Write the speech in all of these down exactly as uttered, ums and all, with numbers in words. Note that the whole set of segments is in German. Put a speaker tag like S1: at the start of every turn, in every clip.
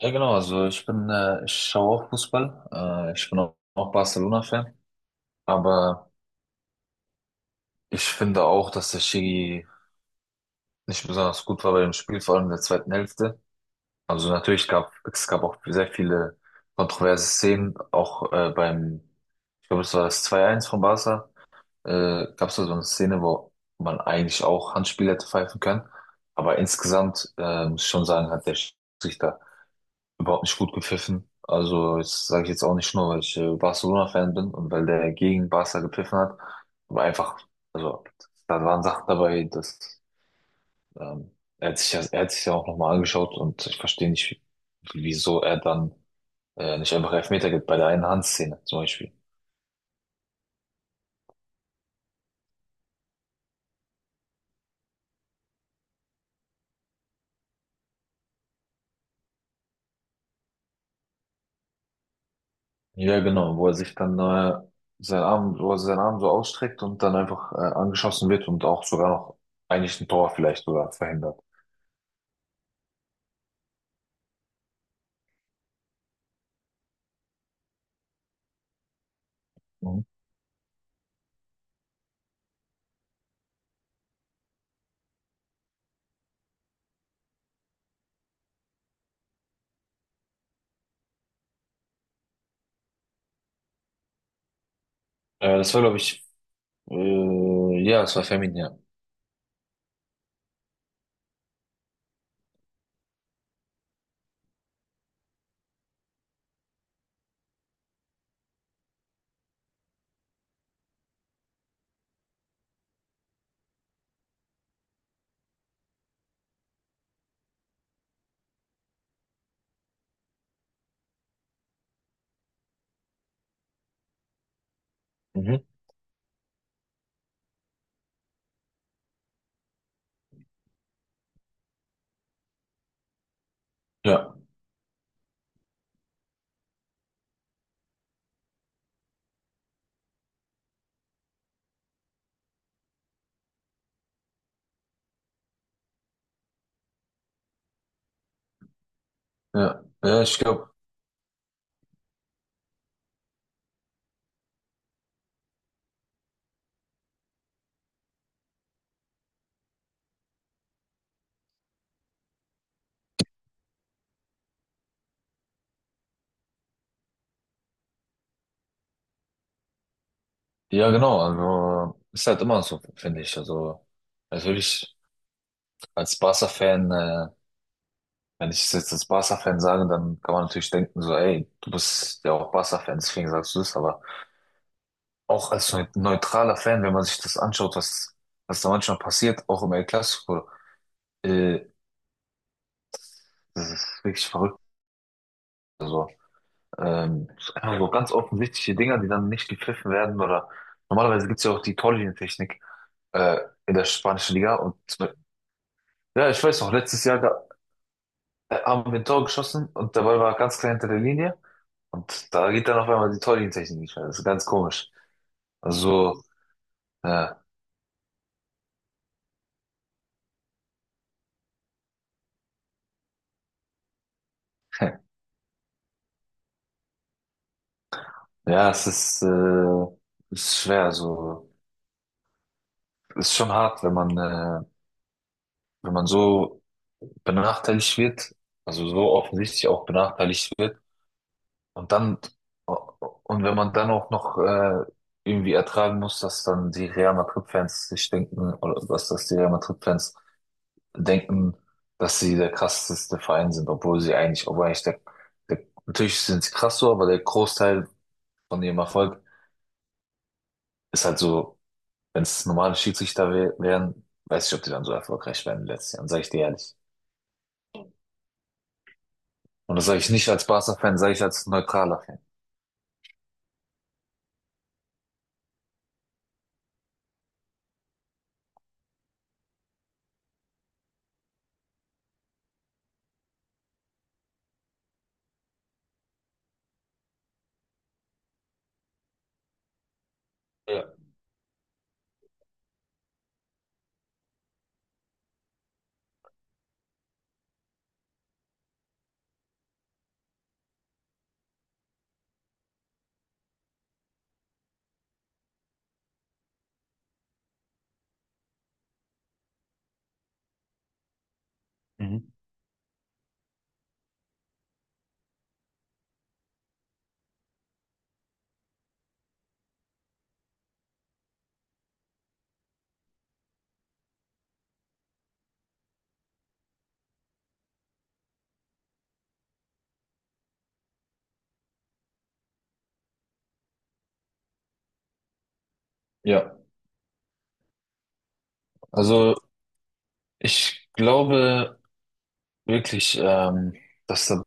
S1: Ja, genau, also ich bin, äh, ich schaue auch Fußball. Äh, ich bin auch, auch Barcelona-Fan. Aber ich finde auch, dass der Schiri nicht besonders gut war bei dem Spiel, vor allem in der zweiten Hälfte. Also natürlich gab es gab auch sehr viele kontroverse Szenen, auch äh, beim, ich glaube, es war das zwei eins von Barca. Äh, gab es da so eine Szene, wo man eigentlich auch Handspiel hätte pfeifen können. Aber insgesamt äh, muss ich schon sagen, hat der Schiedsrichter überhaupt nicht gut gepfiffen. Also, das sage ich jetzt auch nicht nur, weil ich äh, Barcelona-Fan bin und weil der gegen Barca gepfiffen hat, aber einfach, also, da waren Sachen dabei, dass ähm, er hat sich, ja- er hat sich ja auch nochmal angeschaut und ich verstehe nicht, wieso er dann äh, nicht einfach Elfmeter gibt bei der einen Handszene zum Beispiel. Ja, genau, wo er sich dann äh, seinen Arm, wo er seinen Arm so ausstreckt und dann einfach äh, angeschossen wird und auch sogar noch eigentlich ein Tor vielleicht sogar verhindert. Mhm. Äh, das war, glaube ich, Äh, ja, es war Feminin, ja. Mhm. Ja, ja. Ja, ich glaube, ja, genau. Also, ist halt immer so, finde ich. Also, natürlich, als Barca-Fan, äh, wenn ich es jetzt als Barca-Fan sage, dann kann man natürlich denken, so, ey, du bist ja auch Barca-Fan, deswegen sagst du es. Aber auch als neu- neutraler Fan, wenn man sich das anschaut, was, was da manchmal passiert, auch im El Clasico, äh, das ist wirklich verrückt. Also, ähm, so ganz offensichtliche Dinger, die dann nicht gepfiffen werden oder normalerweise gibt's ja auch die Torlinientechnik. äh, in der spanischen Liga. Und zum Beispiel, ja, ich weiß noch, letztes Jahr ga- äh, haben wir ein Tor geschossen und dabei war er ganz klein hinter der Linie. Und da geht dann auf einmal die Torlinientechnik nicht mehr. Das ist ganz komisch. Also, äh, ja, es ist, äh, ist schwer. So, ist schon hart, wenn man, äh, wenn man so benachteiligt wird, also so offensichtlich auch benachteiligt wird. Und dann, und wenn man dann auch noch äh, irgendwie ertragen muss, dass dann die Real Madrid-Fans sich denken, oder dass das die Real Madrid-Fans denken, dass sie der krasseste Verein sind, obwohl sie eigentlich, obwohl eigentlich der, der natürlich sind sie krass so, aber der Großteil von ihrem Erfolg ist halt so, wenn es normale Schiedsrichter wär, wären, weiß ich, ob die dann so erfolgreich wären in den letzten Jahren, sage ich dir ehrlich. Und das sage ich nicht als Barca-Fan, sage ich als neutraler Fan. Ja. Mhm. Ja, also ich glaube, wirklich, ähm, dass da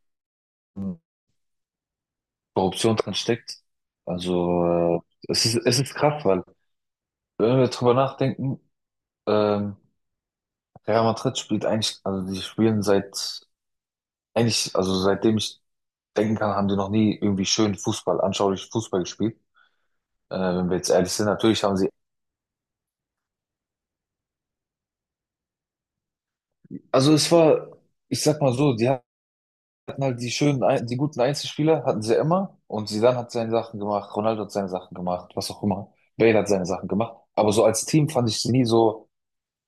S1: Korruption drin steckt. Also, äh, es ist, es ist krass, weil, wenn wir drüber nachdenken, ähm, Real Madrid spielt eigentlich, also die spielen seit, eigentlich, also seitdem ich denken kann, haben die noch nie irgendwie schön Fußball, anschaulich Fußball gespielt. Äh, wenn wir jetzt ehrlich sind, natürlich haben sie, also es war, ich sag mal so, die hatten halt die schönen, Ein- die guten Einzelspieler hatten sie ja immer. Und Zidane hat seine Sachen gemacht, Ronaldo hat seine Sachen gemacht, was auch immer. Bale hat seine Sachen gemacht. Aber so als Team fand ich sie nie so,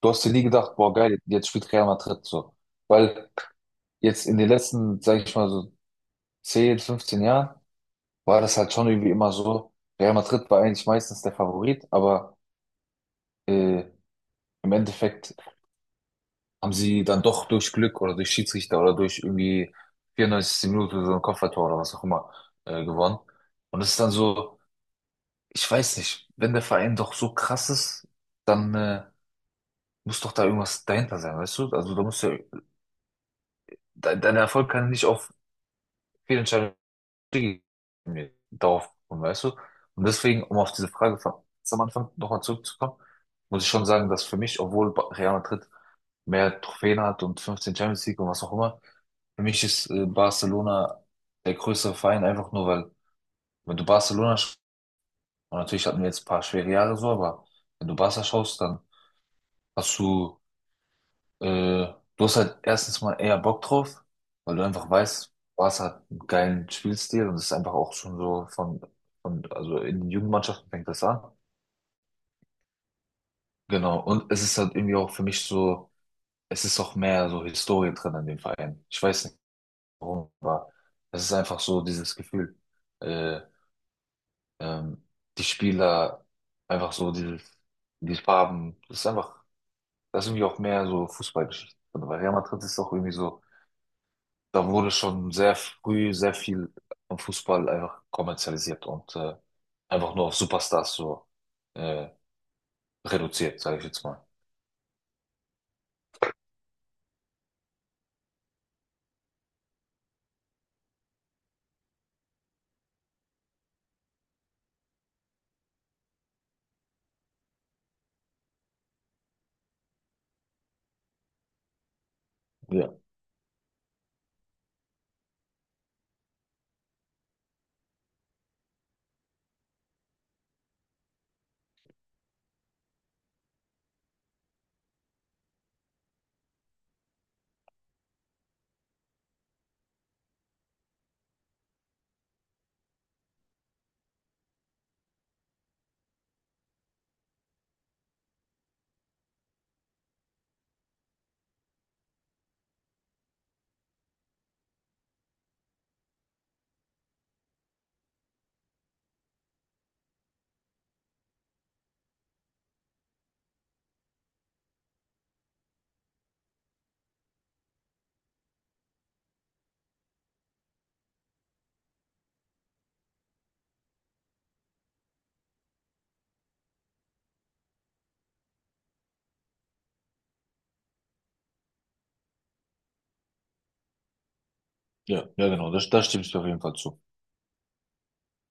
S1: du hast dir nie gedacht, boah, geil, jetzt spielt Real Madrid so. Weil jetzt in den letzten, sage ich mal so zehn, fünfzehn Jahren, war das halt schon irgendwie immer so, Real Madrid war eigentlich meistens der Favorit, aber äh, im Endeffekt haben sie dann doch durch Glück oder durch Schiedsrichter oder durch irgendwie vierundneunzigsten. Minute so ein Kopfballtor oder was auch immer äh, gewonnen. Und es ist dann so, ich weiß nicht, wenn der Verein doch so krass ist, dann äh, muss doch da irgendwas dahinter sein, weißt du? Also da muss ja, de dein Erfolg kann nicht auf Fehlentscheidungen darauf kommen, weißt du? Und deswegen, um auf diese Frage von ganz am Anfang nochmal zurückzukommen, muss ich schon sagen, dass für mich, obwohl Ba- Real Madrid mehr Trophäen hat und fünfzehn Champions League und was auch immer, für mich ist äh, Barcelona der größere Verein, einfach nur weil, wenn du Barcelona schaust, und natürlich hatten wir jetzt ein paar schwere Jahre so, aber wenn du Barca schaust, dann hast du, äh, du hast halt erstens mal eher Bock drauf, weil du einfach weißt, Barca hat einen geilen Spielstil und es ist einfach auch schon so von, von, also in den Jugendmannschaften fängt das an. Genau, und es ist halt irgendwie auch für mich so, es ist auch mehr so Historie drin an dem Verein. Ich weiß nicht warum, aber es ist einfach so dieses Gefühl. Äh, ähm, die Spieler, einfach so dieses, die Farben, das ist einfach, das ist irgendwie auch mehr so Fußballgeschichte drin. Weil Real Madrid ist auch irgendwie so, da wurde schon sehr früh sehr viel am Fußball einfach kommerzialisiert und äh, einfach nur auf Superstars so äh, reduziert, sage ich jetzt mal. Ja, ja, ja, genau, das, das stimmst du auf jeden Fall zu.